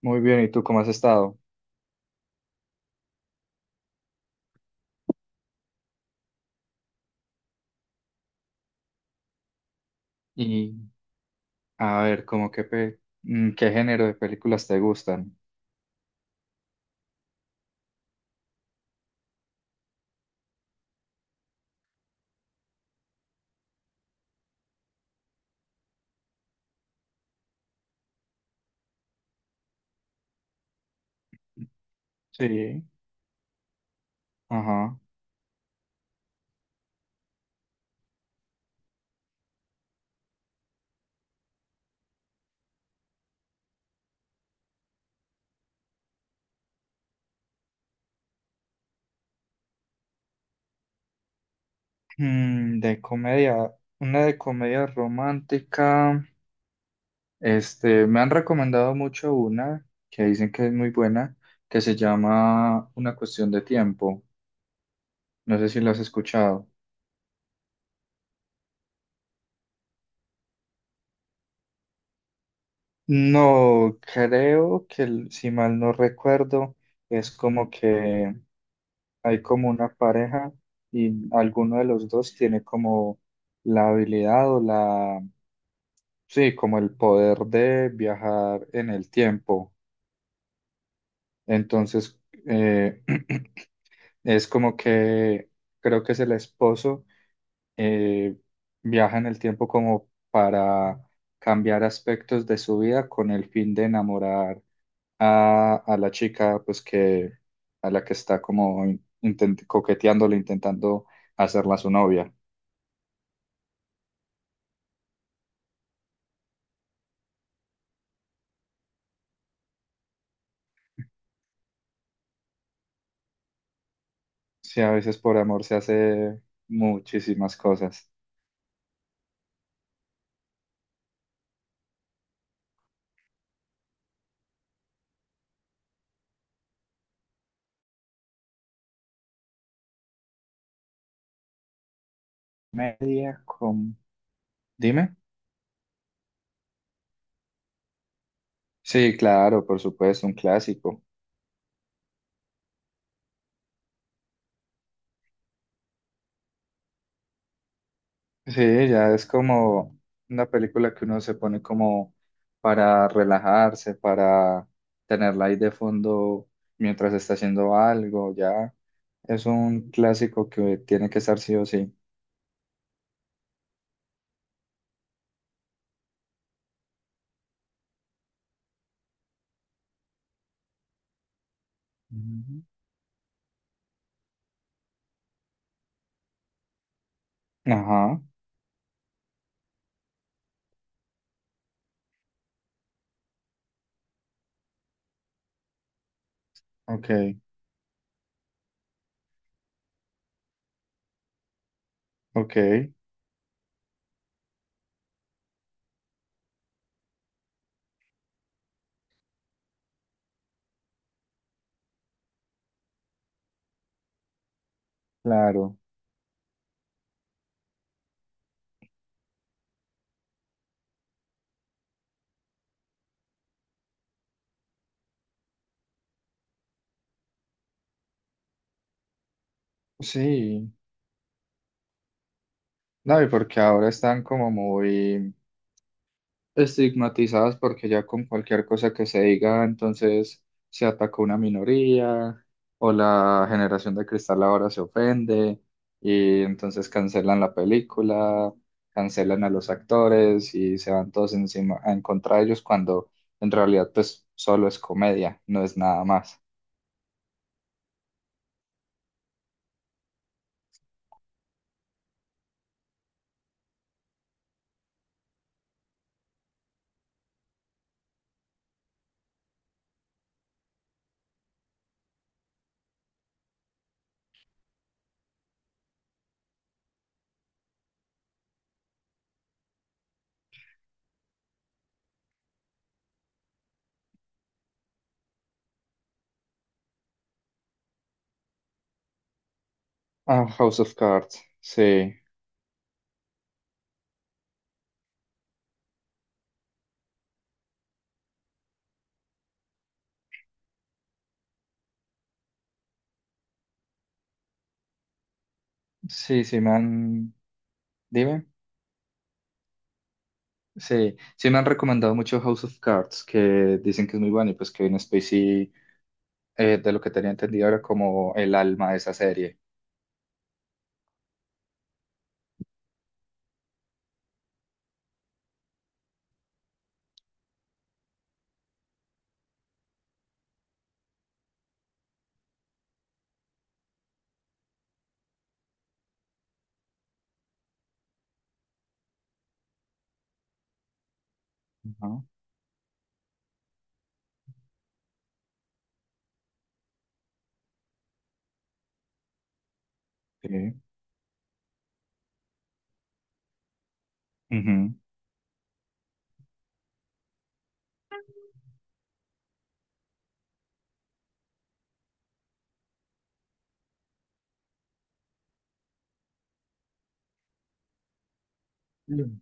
Muy bien, ¿y tú cómo has estado? Y a ver, cómo qué, ¿qué género de películas te gustan? Sí. Ajá. Mm, de comedia, una de comedia romántica. Este, me han recomendado mucho una que dicen que es muy buena, que se llama Una cuestión de tiempo. No sé si la has escuchado. No, creo que, si mal no recuerdo, es como que hay como una pareja y alguno de los dos tiene como la habilidad o la, sí, como el poder de viajar en el tiempo. Entonces, eh, es como que creo que es el esposo, eh, viaja en el tiempo como para cambiar aspectos de su vida con el fin de enamorar a la chica, pues que a la que está como coqueteándole, intentando hacerla su novia. Sí, a veces por amor se hace muchísimas cosas. Media con... Dime. Sí, claro, por supuesto, un clásico. Sí, ya es como una película que uno se pone como para relajarse, para tenerla ahí de fondo mientras está haciendo algo, ya es un clásico que tiene que estar sí o sí. Ujú. Ajá, ok, ok, claro. Sí, no, y porque ahora están como muy... estigmatizadas porque ya con cualquier cosa que se diga, entonces se atacó una minoría o la generación de cristal ahora se ofende y entonces cancelan la película, cancelan a los actores y se van todos encima en contra de ellos cuando en realidad pues solo es comedia, no es nada más. Ah, House of Cards, sí, sí, sí me han, dime. Sí, sí me han recomendado mucho House of Cards, que dicen que es muy bueno y pues Kevin Spacey, de lo que tenía entendido era como el alma de esa serie. Ajá, sí. Ujú. Mm.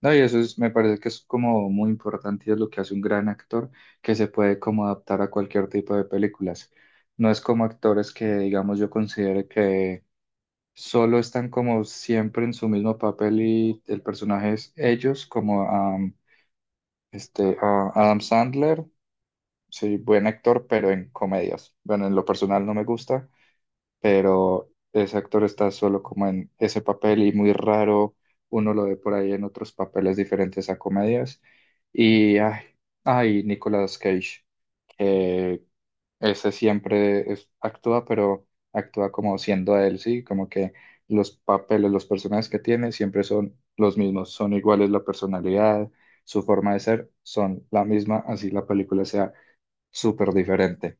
No, y eso es, me parece que es como muy importante y es lo que hace un gran actor, que se puede como adaptar a cualquier tipo de películas. No es como actores que, digamos, yo considere que solo están como siempre en su mismo papel y el personaje es ellos, este, a Adam Sandler, sí, buen actor, pero en comedias. Bueno, en lo personal no me gusta, pero ese actor está solo como en ese papel y muy raro uno lo ve por ahí en otros papeles diferentes a comedias. Y ay, ay, Nicolas Cage, que ese siempre actúa, pero actúa como siendo él, ¿sí? Como que los papeles, los personajes que tiene siempre son los mismos, son iguales la personalidad, su forma de ser, son la misma, así la película sea súper diferente.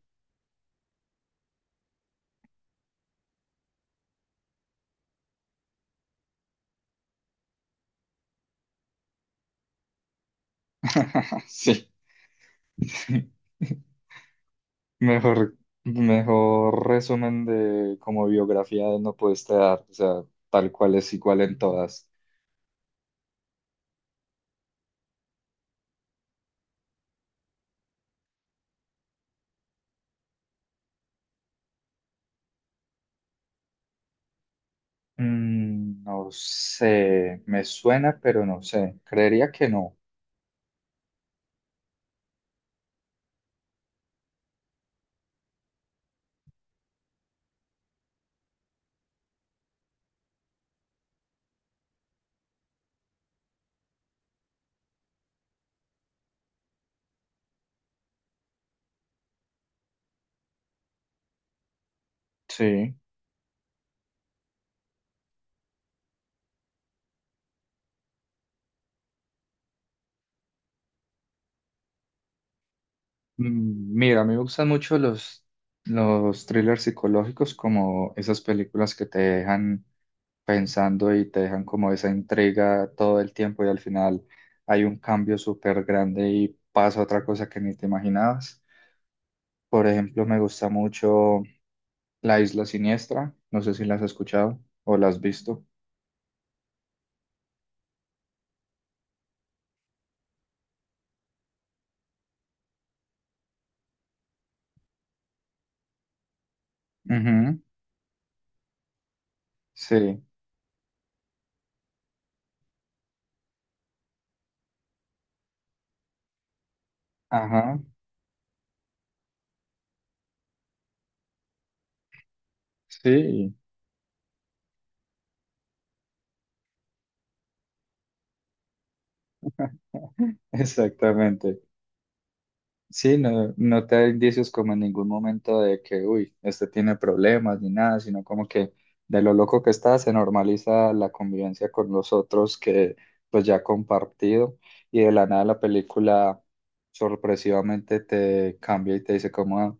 Sí. Mejor, mejor resumen de como biografía de no pudiste dar, o sea, tal cual es igual en todas. Mm, no sé, me suena, pero no sé. Creería que no. Sí. Mira, a mí me gustan mucho los thrillers psicológicos, como esas películas que te dejan pensando y te dejan como esa intriga todo el tiempo y al final hay un cambio súper grande y pasa otra cosa que ni te imaginabas. Por ejemplo, me gusta mucho La Isla Siniestra. No sé si la has escuchado o la has visto. Ujú, sí, ajá, sí, exactamente. Sí, no, no te da indicios como en ningún momento de que, uy, este tiene problemas ni nada, sino como que de lo loco que está se normaliza la convivencia con los otros que pues ya ha compartido y de la nada la película sorpresivamente te cambia y te dice como, "Ah,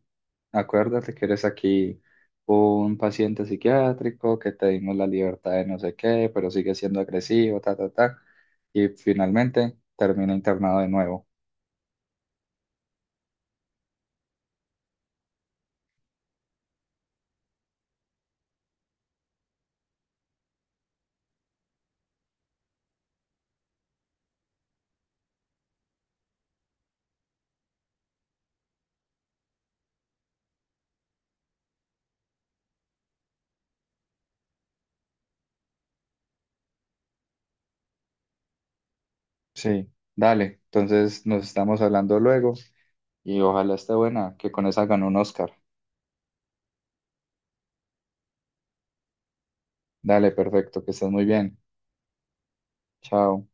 acuérdate que eres aquí un paciente psiquiátrico, que te dimos la libertad de no sé qué, pero sigue siendo agresivo, ta, ta, ta," y finalmente termina internado de nuevo. Sí, dale. Entonces nos estamos hablando luego y ojalá esté buena, que con esa ganó un Oscar. Dale, perfecto, que estés muy bien. Chao.